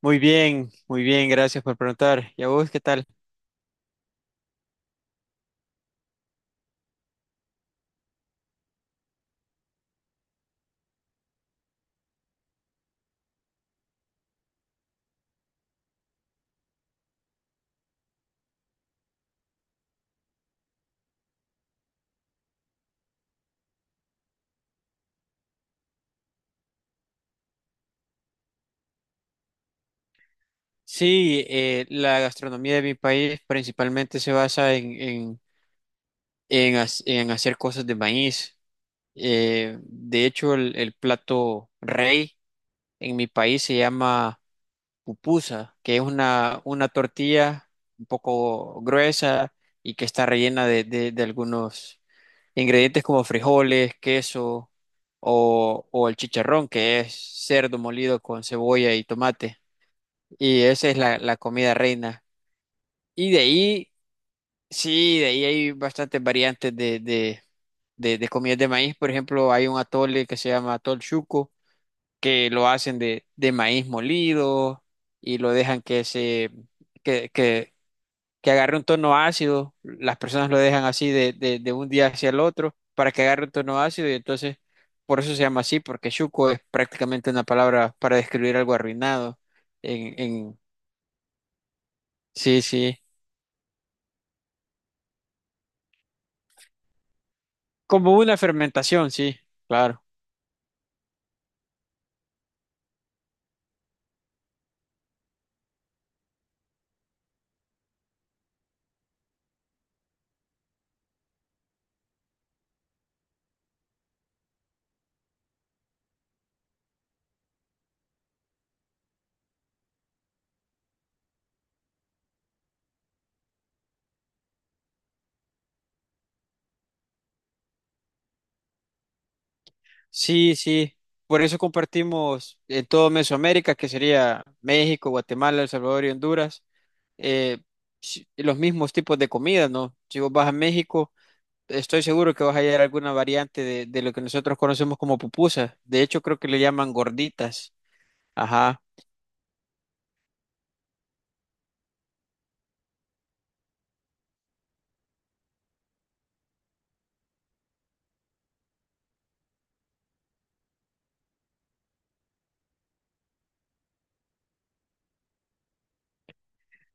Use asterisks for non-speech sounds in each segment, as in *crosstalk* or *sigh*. Muy bien, gracias por preguntar. ¿Y a vos qué tal? Sí, la gastronomía de mi país principalmente se basa en hacer cosas de maíz. De hecho, el plato rey en mi país se llama pupusa, que es una tortilla un poco gruesa y que está rellena de algunos ingredientes como frijoles, queso o el chicharrón, que es cerdo molido con cebolla y tomate. Y esa es la comida reina. Y de ahí, sí, de ahí hay bastantes variantes de comidas de maíz. Por ejemplo, hay un atole que se llama atol chuco, que lo hacen de maíz molido y lo dejan que se, que, que, que agarre un tono ácido. Las personas lo dejan así de un día hacia el otro para que agarre un tono ácido y entonces, por eso se llama así, porque chuco es prácticamente una palabra para describir algo arruinado. En, en, sí, sí. Como una fermentación, sí, claro. Sí, sí. Por eso compartimos en todo Mesoamérica, que sería México, Guatemala, El Salvador y Honduras, eh, los mismos tipos de comida, ¿no? Si vos vas a México, estoy seguro que vas a hallar alguna variante de lo que nosotros conocemos como pupusas. De hecho, creo que le llaman gorditas. Ajá.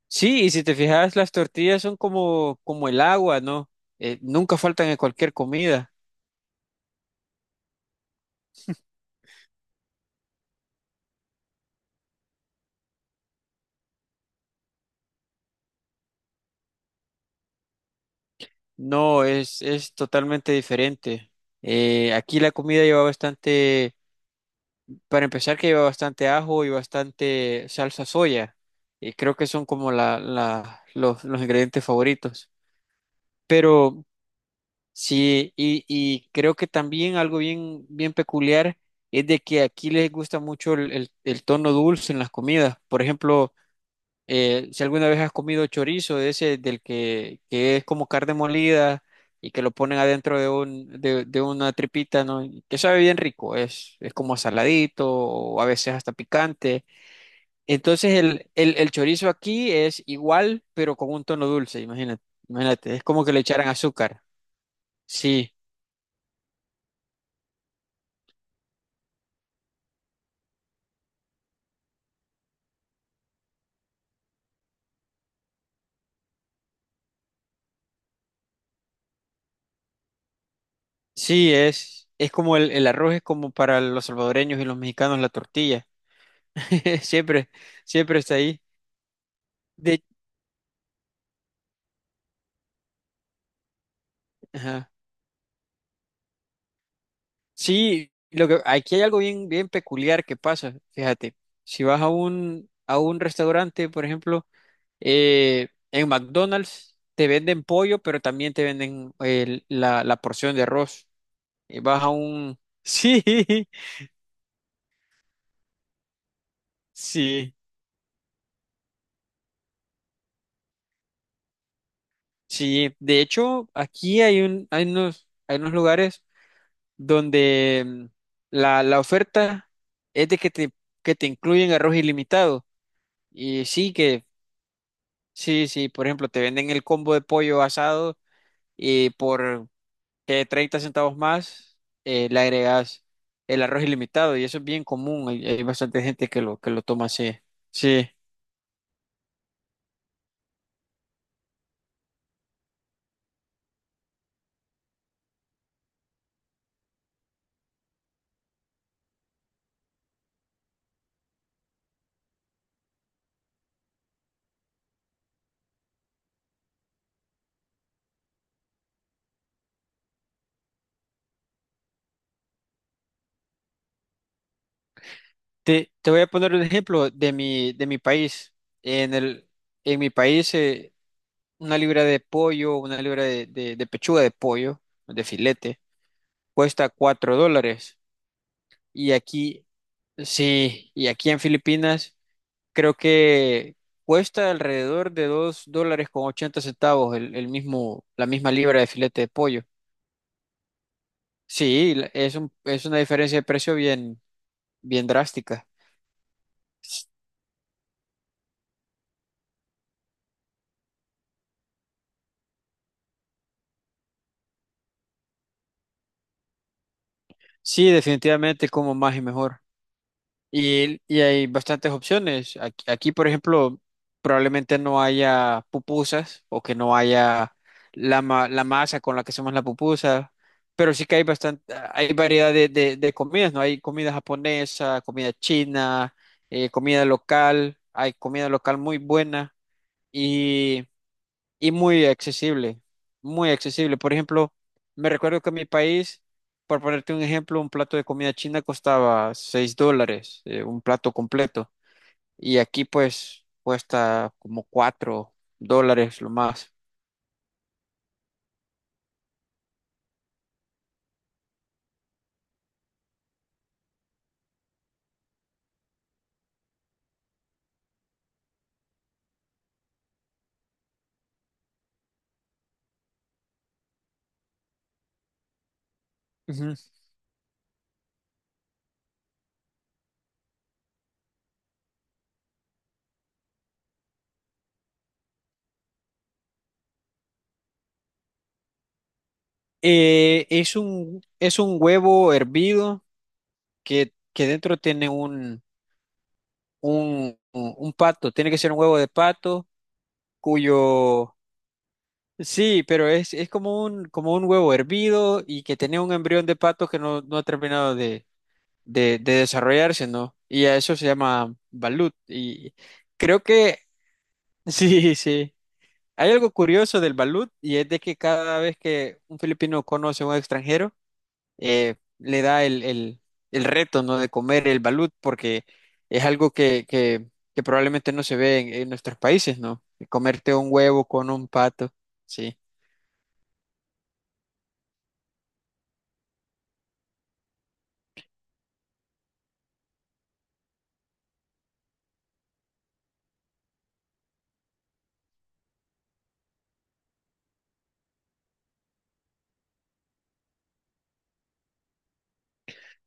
Sí, y si te fijas, las tortillas son como el agua, ¿no? Nunca faltan en cualquier comida. No, es totalmente diferente. Aquí la comida lleva bastante, para empezar, que lleva bastante ajo y bastante salsa soya. Y creo que son como los ingredientes favoritos. Pero sí, y creo que también algo bien, bien peculiar es de que aquí les gusta mucho el tono dulce en las comidas. Por ejemplo, si alguna vez has comido chorizo de ese, del que es como carne molida y que lo ponen adentro de una tripita, ¿no? Y que sabe bien rico, es como saladito o a veces hasta picante. Entonces el chorizo aquí es igual, pero con un tono dulce, imagínate, imagínate, es como que le echaran azúcar. Sí, sí, es como el arroz es como para los salvadoreños y los mexicanos la tortilla. *laughs* Siempre, siempre está ahí. De, ajá. Sí, aquí hay algo bien, bien peculiar que pasa, fíjate, si vas a un restaurante, por ejemplo, en McDonald's te venden pollo, pero también te venden la porción de arroz. *laughs* Sí, sí, sí. De hecho, aquí hay unos lugares donde la oferta es de que que te incluyen arroz ilimitado. Y sí, que Sí, sí, por ejemplo, te venden el combo de pollo asado y por que 30 centavos más le agregas el arroz ilimitado y eso es bien común, hay bastante gente que lo toma así. Sí, te voy a poner un ejemplo de mi país. En el, en mi país, una libra de pollo, una libra de pechuga de pollo, de filete, cuesta $4. Y aquí, sí, y aquí en Filipinas creo que cuesta alrededor de $2.80 la misma libra de filete de pollo. Sí, es una diferencia de precio bien, bien drástica. Sí, definitivamente como más y mejor. Y hay bastantes opciones. Aquí, por ejemplo, probablemente no haya pupusas o que no haya la masa con la que hacemos la pupusa, pero sí que hay variedad de comidas, ¿no? Hay comida japonesa, comida china, hay comida local muy buena y muy accesible, muy accesible. Por ejemplo, me recuerdo que en mi país, por ponerte un ejemplo, un plato de comida china costaba $6, un plato completo, y aquí pues cuesta como $4 lo más. Ujú. Es un huevo hervido que dentro tiene un pato, tiene que ser un huevo de pato cuyo Sí, pero es como un, huevo hervido y que tenía un embrión de pato que no ha terminado de desarrollarse, ¿no? Y a eso se llama balut. Creo que, *laughs* sí, sí. Hay algo curioso del balut y es de que cada vez que un filipino conoce a un extranjero, le da el reto, ¿no? De comer el balut porque es algo que probablemente no se ve en nuestros países, ¿no? Comerte un huevo con un pato, sí.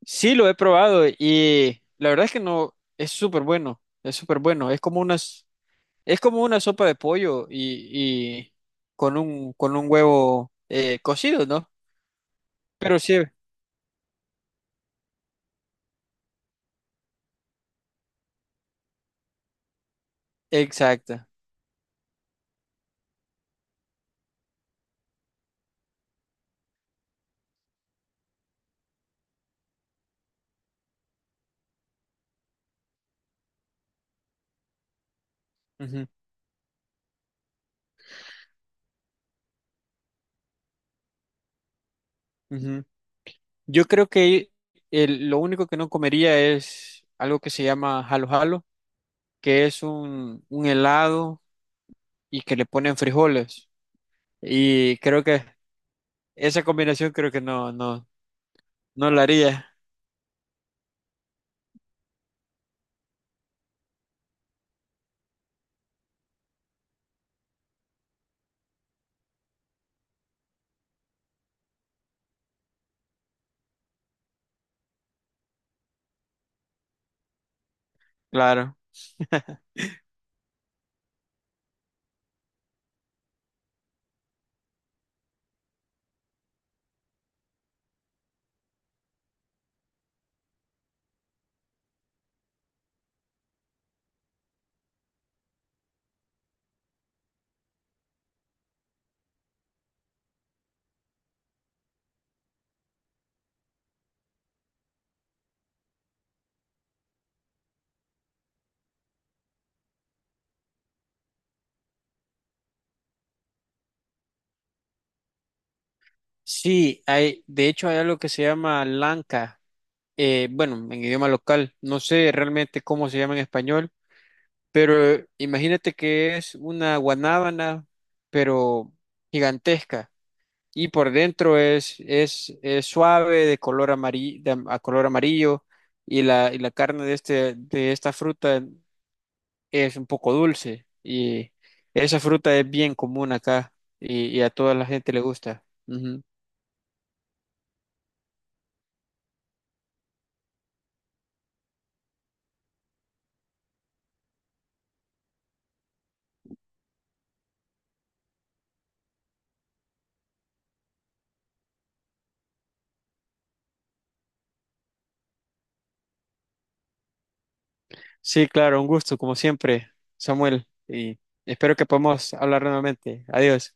Sí, lo he probado y la verdad es que no, es súper bueno, es súper bueno. Es como una sopa de pollo y con un huevo cocido, ¿no? Pero sí, exacto. Ujú, ujú. Yo creo que lo único que no comería es algo que se llama jalo jalo, que es un helado y que le ponen frijoles. Y creo que esa combinación creo que no la haría, claro. *laughs* Sí, de hecho hay algo que se llama lanca, bueno, en idioma local, no sé realmente cómo se llama en español, pero imagínate que es una guanábana, pero gigantesca, y por dentro es suave, a color amarillo, y la carne de esta fruta es un poco dulce, y esa fruta es bien común acá, y a toda la gente le gusta. Sí, claro, un gusto, como siempre, Samuel, y espero que podamos hablar nuevamente. Adiós.